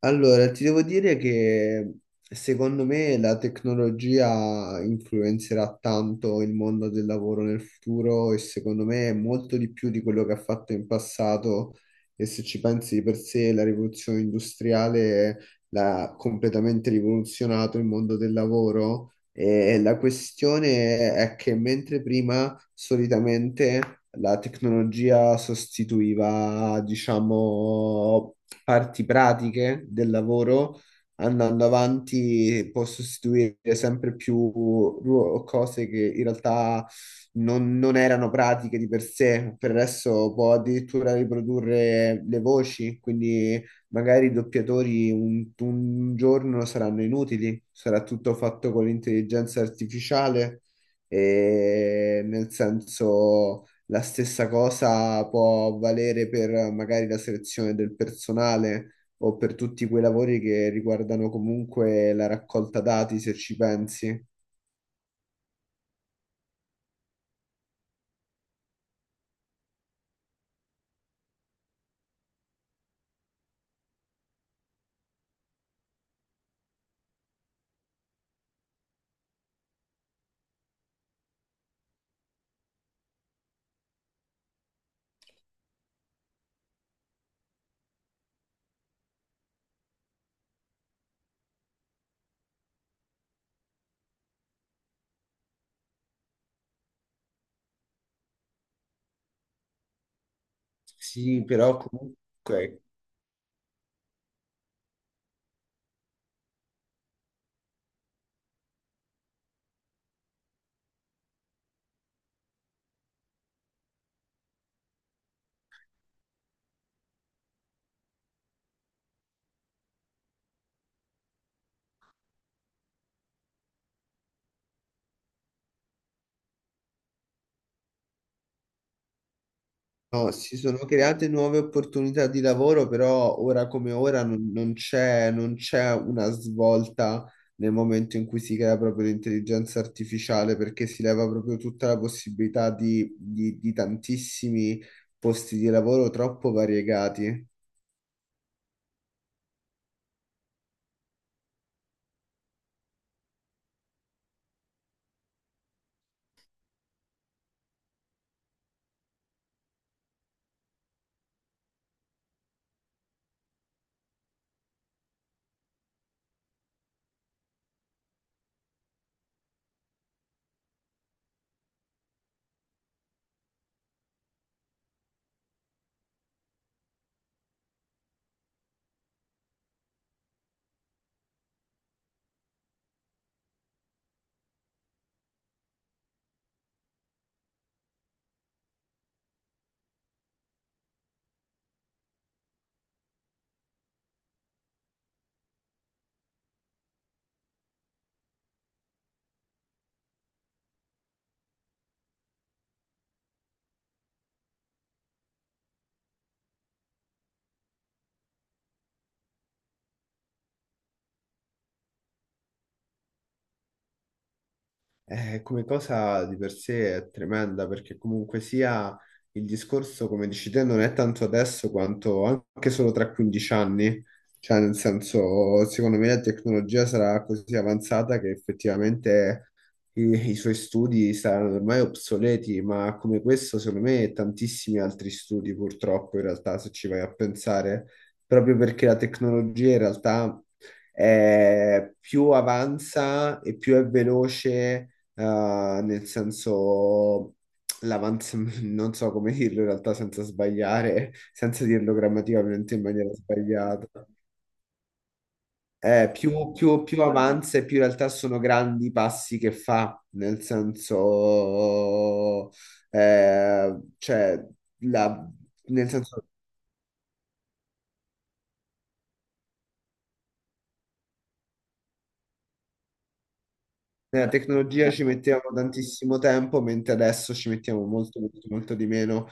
Allora, ti devo dire che secondo me la tecnologia influenzerà tanto il mondo del lavoro nel futuro e secondo me molto di più di quello che ha fatto in passato e se ci pensi di per sé la rivoluzione industriale l'ha completamente rivoluzionato il mondo del lavoro. E la questione è che mentre prima solitamente la tecnologia sostituiva, diciamo, parti pratiche del lavoro, andando avanti, può sostituire sempre più cose che in realtà non erano pratiche di per sé. Per adesso può addirittura riprodurre le voci, quindi magari i doppiatori un giorno saranno inutili, sarà tutto fatto con l'intelligenza artificiale. E nel senso, la stessa cosa può valere per magari la selezione del personale o per tutti quei lavori che riguardano comunque la raccolta dati, se ci pensi. Sì, però comunque no, si sono create nuove opportunità di lavoro, però ora come ora non c'è, non c'è una svolta nel momento in cui si crea proprio l'intelligenza artificiale, perché si leva proprio tutta la possibilità di tantissimi posti di lavoro troppo variegati. Come cosa di per sé è tremenda perché comunque sia il discorso, come dici te, non è tanto adesso quanto anche solo tra 15 anni. Cioè, nel senso, secondo me la tecnologia sarà così avanzata che effettivamente i, i suoi studi saranno ormai obsoleti, ma come questo, secondo me, tantissimi altri studi, purtroppo, in realtà, se ci vai a pensare, proprio perché la tecnologia in realtà più avanza e più è veloce, nel senso l'avanzamento, non so come dirlo in realtà senza sbagliare, senza dirlo grammaticamente in maniera sbagliata. Più avanza e più in realtà sono grandi i passi che fa, nel senso, eh, cioè, la, nel senso, nella tecnologia ci mettevamo tantissimo tempo, mentre adesso ci mettiamo molto, molto, molto di meno.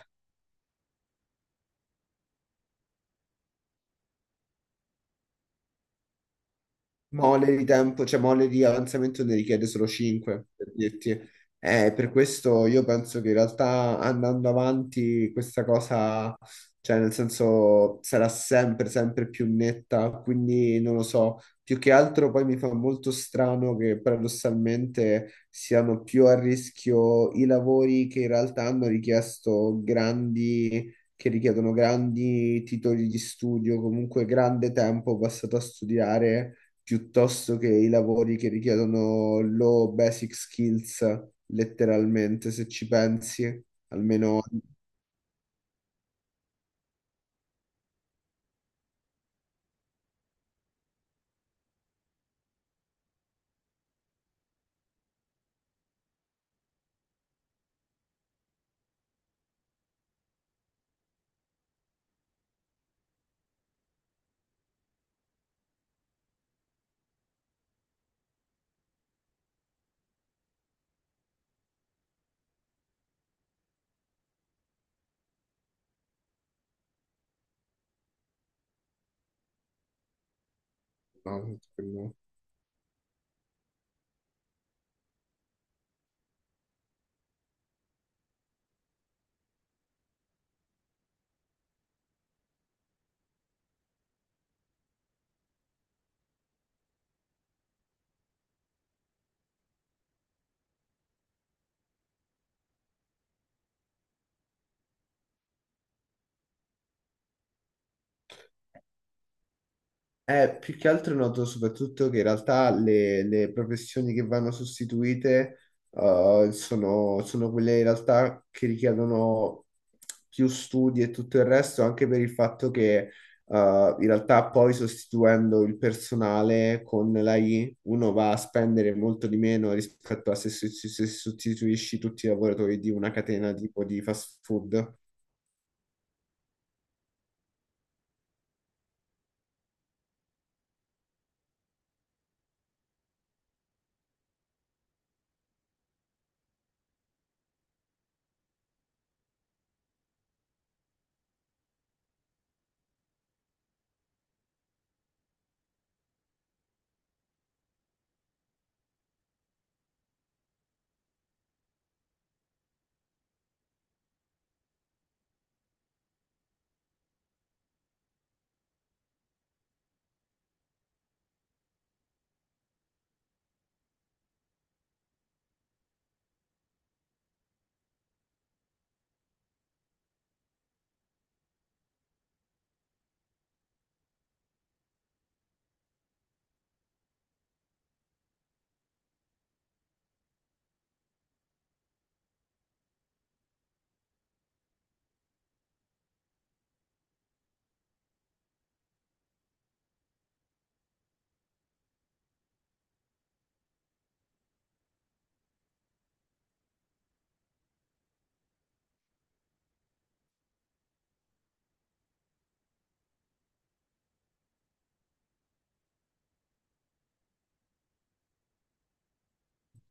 Mole di tempo, cioè mole di avanzamento ne richiede solo 5, per dirti. Per questo io penso che in realtà andando avanti questa cosa, cioè nel senso sarà sempre, sempre più netta, quindi non lo so. Più che altro poi mi fa molto strano che paradossalmente siano più a rischio i lavori che in realtà hanno richiesto grandi... che richiedono grandi titoli di studio, comunque grande tempo passato a studiare, piuttosto che i lavori che richiedono low basic skills, letteralmente, se ci pensi, almeno... No, eh, più che altro noto soprattutto che in realtà le professioni che vanno sostituite sono quelle in realtà che richiedono più studi e tutto il resto, anche per il fatto che in realtà poi sostituendo il personale con l'AI uno va a spendere molto di meno rispetto a se sostituisci tutti i lavoratori di una catena tipo di fast food.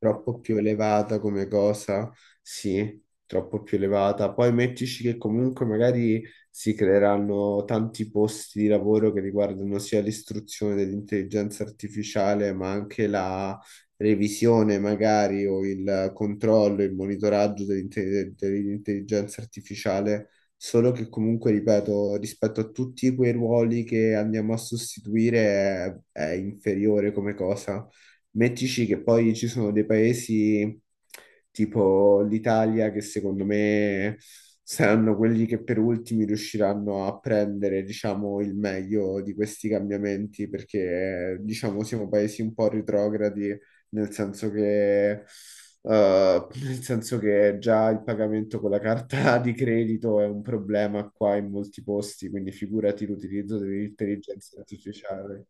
Troppo più elevata come cosa, sì, troppo più elevata. Poi mettici che comunque magari si creeranno tanti posti di lavoro che riguardano sia l'istruzione dell'intelligenza artificiale, ma anche la revisione magari o il controllo, il monitoraggio dell'intelligenza artificiale. Solo che comunque, ripeto, rispetto a tutti quei ruoli che andiamo a sostituire è inferiore come cosa. Mettici che poi ci sono dei paesi tipo l'Italia che secondo me saranno quelli che per ultimi riusciranno a prendere, diciamo, il meglio di questi cambiamenti perché, diciamo, siamo paesi un po' retrogradi, nel senso che, eh, nel senso che già il pagamento con la carta di credito è un problema qua in molti posti, quindi figurati l'utilizzo dell'intelligenza artificiale.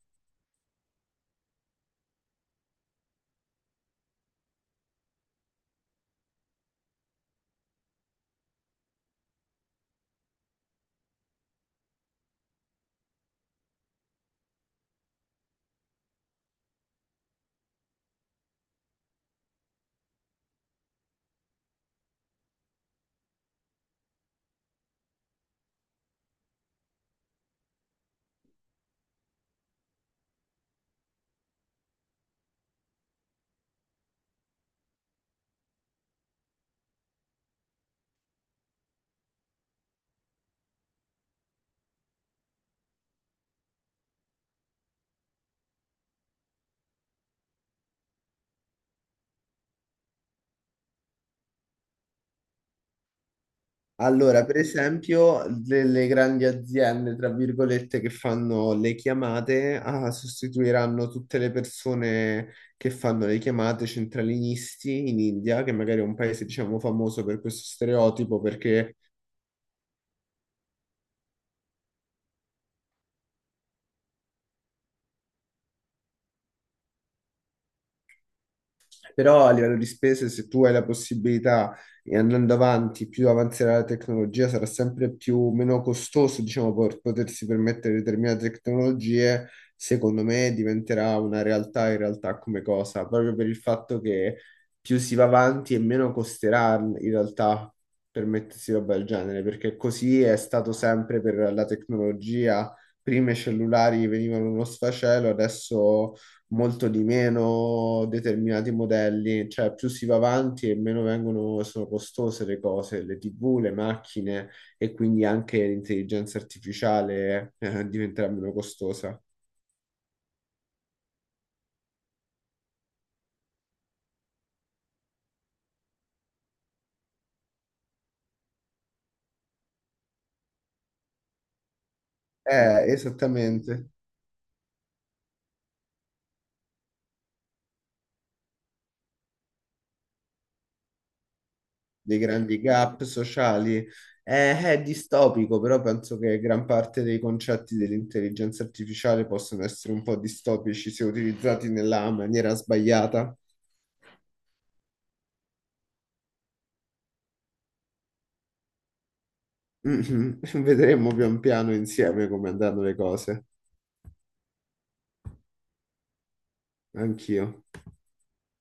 Allora, per esempio, delle grandi aziende, tra virgolette, che fanno le chiamate, ah, sostituiranno tutte le persone che fanno le chiamate centralinisti in India, che magari è un paese, diciamo, famoso per questo stereotipo, perché però a livello di spese, se tu hai la possibilità e andando avanti, più avanzerà la tecnologia, sarà sempre più meno costoso, diciamo, per potersi permettere determinate tecnologie, secondo me diventerà una realtà in realtà come cosa, proprio per il fatto che più si va avanti e meno costerà in realtà permettersi roba del genere, perché così è stato sempre per la tecnologia. Prima i cellulari venivano uno sfacelo, adesso molto di meno determinati modelli, cioè più si va avanti e meno vengono, sono costose le cose, le TV, le macchine e quindi anche l'intelligenza artificiale diventerà meno costosa. Esattamente, dei grandi gap sociali. È distopico, però penso che gran parte dei concetti dell'intelligenza artificiale possono essere un po' distopici se utilizzati nella maniera sbagliata. Mhm. Vedremo pian piano insieme come andranno le cose. Anch'io.